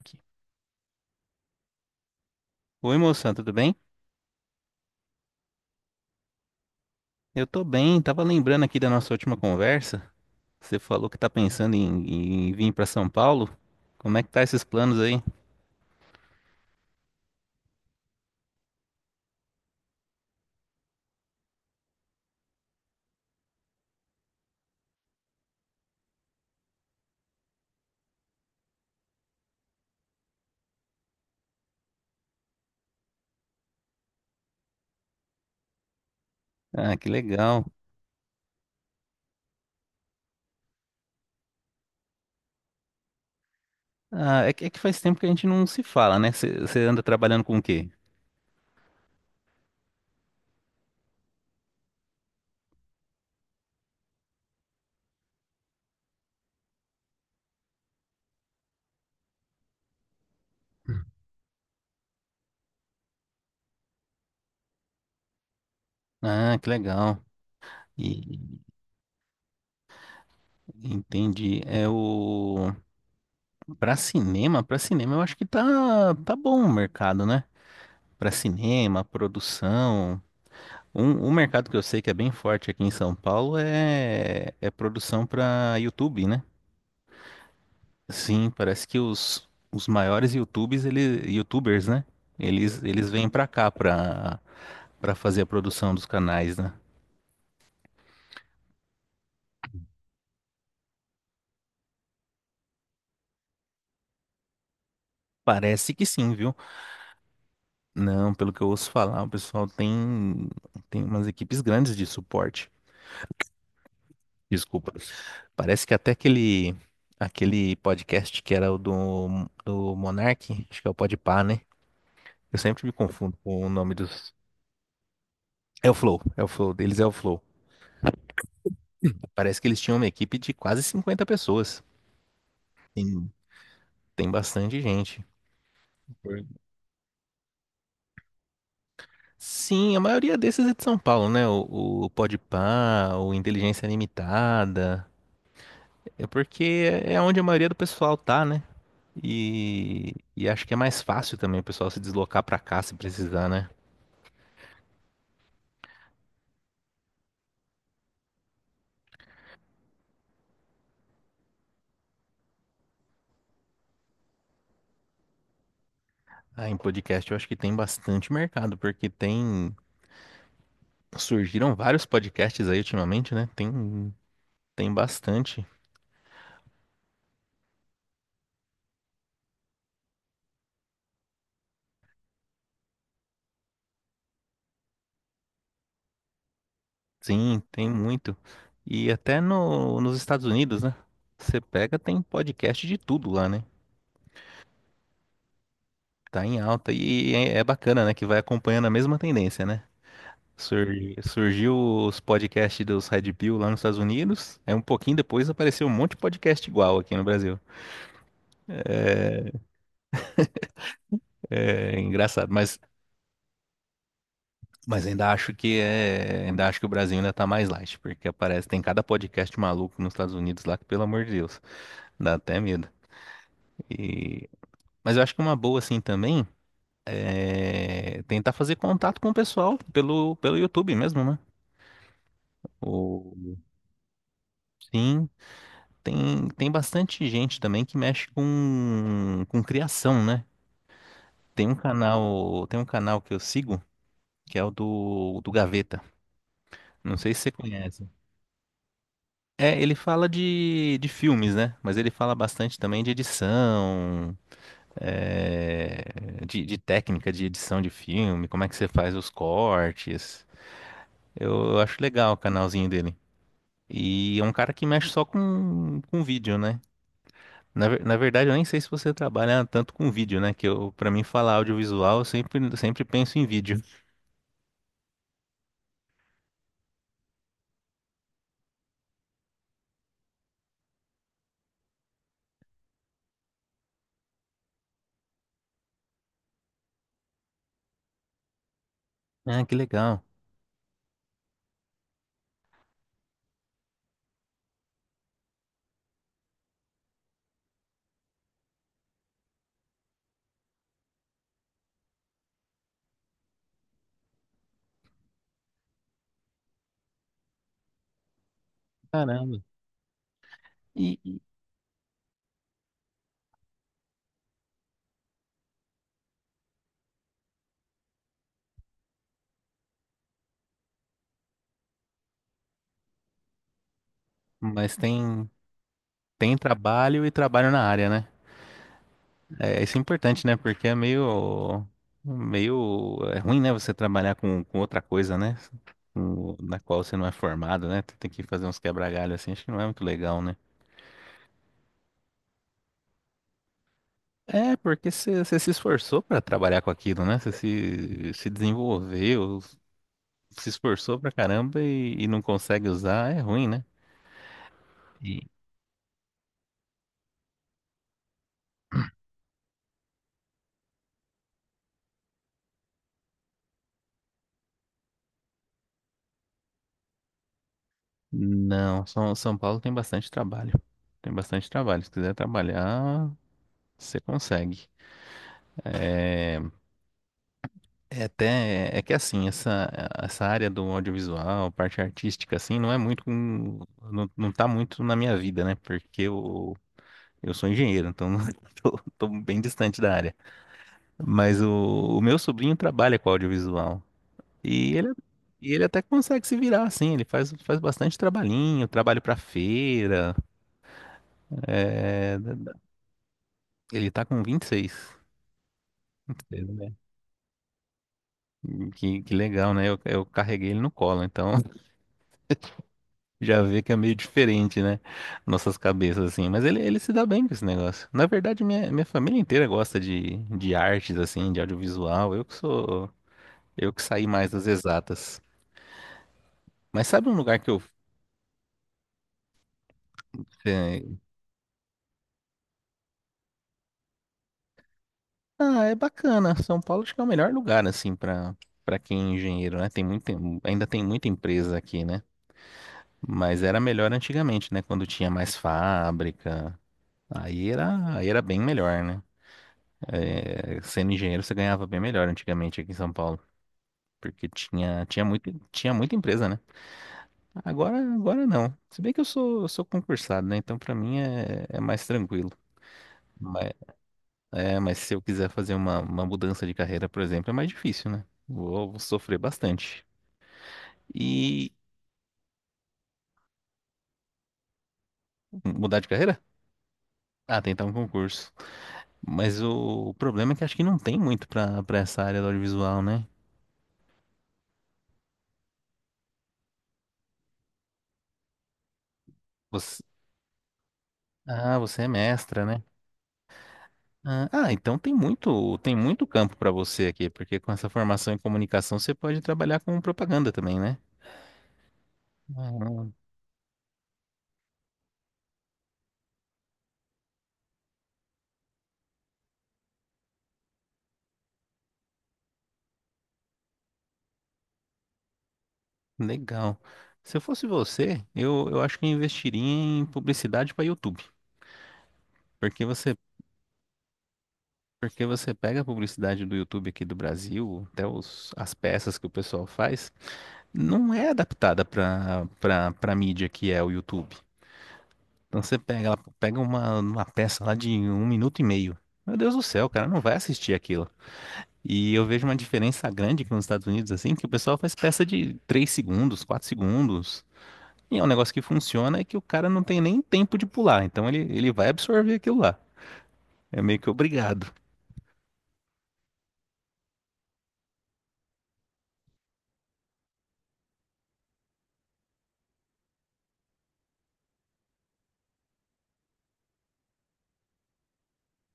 Aqui. Oi, moção, tudo bem? Eu tô bem, tava lembrando aqui da nossa última conversa. Você falou que tá pensando em vir pra São Paulo. Como é que tá esses planos aí? Ah, que legal. Ah, é que faz tempo que a gente não se fala, né? Você anda trabalhando com o quê? Ah, que legal. E entendi. É o Pra cinema, eu acho que tá bom o mercado, né? Pra cinema, produção. Um mercado que eu sei que é bem forte aqui em São Paulo é produção pra YouTube, né? Sim, parece que os maiores YouTubes, ele, YouTubers, né? Eles vêm pra cá pra fazer a produção dos canais, né? Parece que sim, viu? Não, pelo que eu ouço falar, tem umas equipes grandes de suporte. Desculpa. Parece que até aquele podcast que era o do Monark, acho que é o Podpah, né? Eu sempre me confundo com o nome dos. É o Flow, deles é o Flow. Parece que eles tinham uma equipe de quase 50 pessoas. Tem, tem bastante gente. Sim, a maioria desses é de São Paulo, né? O Podpah, o Inteligência Limitada. É porque é onde a maioria do pessoal tá, né? E acho que é mais fácil também o pessoal se deslocar pra cá se precisar, né? Ah, em podcast eu acho que tem bastante mercado, porque tem. Surgiram vários podcasts aí ultimamente, né? Tem bastante. Sim, tem muito. E até no, nos Estados Unidos, né? Você pega, tem podcast de tudo lá, né? Tá em alta. E é bacana, né? Que vai acompanhando a mesma tendência, né? Sur, surgiu os podcasts dos Red Pill lá nos Estados Unidos. É um pouquinho depois apareceu um monte de podcast igual aqui no Brasil. É engraçado, mas ainda acho que é, ainda acho que o Brasil ainda tá mais light, porque aparece, tem cada podcast maluco nos Estados Unidos lá que, pelo amor de Deus, dá até medo. E, mas eu acho que uma boa assim também é tentar fazer contato com o pessoal pelo YouTube mesmo, né? O, sim, tem bastante gente também que mexe com criação, né? Tem um canal que eu sigo que é o do Gaveta. Não sei se você conhece. É, ele fala de filmes, né? Mas ele fala bastante também de edição, é, de técnica de edição de filme, como é que você faz os cortes. Eu acho legal o canalzinho dele. E é um cara que mexe só com vídeo, né? Na verdade, eu nem sei se você trabalha tanto com vídeo, né? Que eu, para mim, falar audiovisual, eu sempre penso em vídeo. Ah, que legal. Caramba. E, mas tem trabalho e trabalho na área, né? É, isso é importante, né? Porque é meio, é ruim, né? Você trabalhar com outra coisa, né? Com- na qual você não é formado, né? Tem que fazer uns quebra-galho assim, acho que não é muito legal, né? É, porque você se esforçou pra trabalhar com aquilo, né? Você se desenvolveu, se esforçou pra caramba e não consegue usar, é ruim, né? E- Não, São Paulo tem bastante trabalho. Tem bastante trabalho. Se quiser trabalhar, você consegue. É, é até, é que assim, essa área do audiovisual, parte artística, assim, não é muito, com- não, não tá muito na minha vida, né? Porque eu sou engenheiro, então não- tô bem distante da área. Mas o meu sobrinho trabalha com audiovisual e ele, e ele até consegue se virar, assim, ele faz, faz bastante trabalhinho, trabalho pra feira, é, da- da- ele tá com 26. Né? Que legal, né? Eu carreguei ele no colo, então já vê que é meio diferente, né? Nossas cabeças, assim. Mas ele se dá bem com esse negócio. Na verdade, minha família inteira gosta de artes, assim, de audiovisual. Eu que sou. Eu que saí mais das exatas. Mas sabe um lugar que eu. É, ah, é bacana. São Paulo acho que é o melhor lugar, assim, pra, pra quem é engenheiro, né? Tem muita, ainda tem muita empresa aqui, né? Mas era melhor antigamente, né? Quando tinha mais fábrica. Aí era bem melhor, né? É, sendo engenheiro, você ganhava bem melhor antigamente aqui em São Paulo. Porque tinha muito, tinha muita empresa, né? Agora não. Se bem que eu sou concursado, né? Então pra mim é mais tranquilo. Mas, é, mas se eu quiser fazer uma mudança de carreira, por exemplo, é mais difícil, né? Vou sofrer bastante. E mudar de carreira? Ah, tentar um concurso. Mas o problema é que acho que não tem muito pra para essa área do audiovisual, né? Você, ah, você é mestra, né? Ah, ah, então tem muito campo para você aqui, porque com essa formação em comunicação você pode trabalhar com propaganda também, né? Ah, legal. Se eu fosse você, eu acho que eu investiria em publicidade para YouTube, porque você, porque você pega a publicidade do YouTube aqui do Brasil, até os, as peças que o pessoal faz, não é adaptada para mídia que é o YouTube. Então você pega, ela pega uma peça lá de um minuto e meio. Meu Deus do céu, o cara não vai assistir aquilo. E eu vejo uma diferença grande aqui nos Estados Unidos, assim, que o pessoal faz peça de 3 segundos, 4 segundos. E é um negócio que funciona, é que o cara não tem nem tempo de pular. Então ele vai absorver aquilo lá. É meio que obrigado.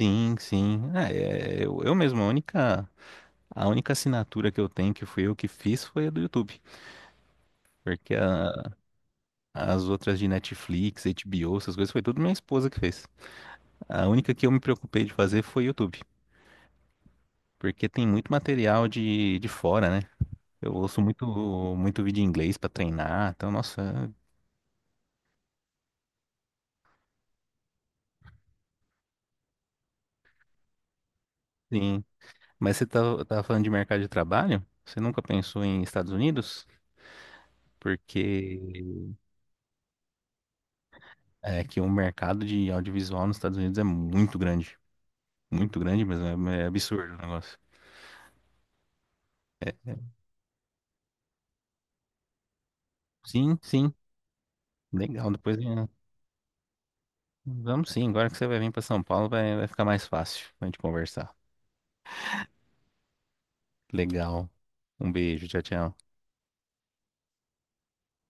Sim, sim. Ah, é, eu mesmo, a única assinatura que eu tenho, que fui eu que fiz, foi a do YouTube. Porque a- as outras de Netflix, HBO, essas coisas, foi tudo minha esposa que fez. A única que eu me preocupei de fazer foi YouTube. Porque tem muito material de fora, né? Eu ouço muito, muito vídeo em inglês pra treinar, então, nossa, sim. Mas você tá, tava falando de mercado de trabalho? Você nunca pensou em Estados Unidos? Porque é que o mercado de audiovisual nos Estados Unidos é muito grande. Muito grande mesmo, é absurdo o negócio. É, é- sim, legal. Depois é, vamos sim, agora que você vai vir pra São Paulo, vai ficar mais fácil pra gente conversar. Legal. Um beijo, tchau, tchau.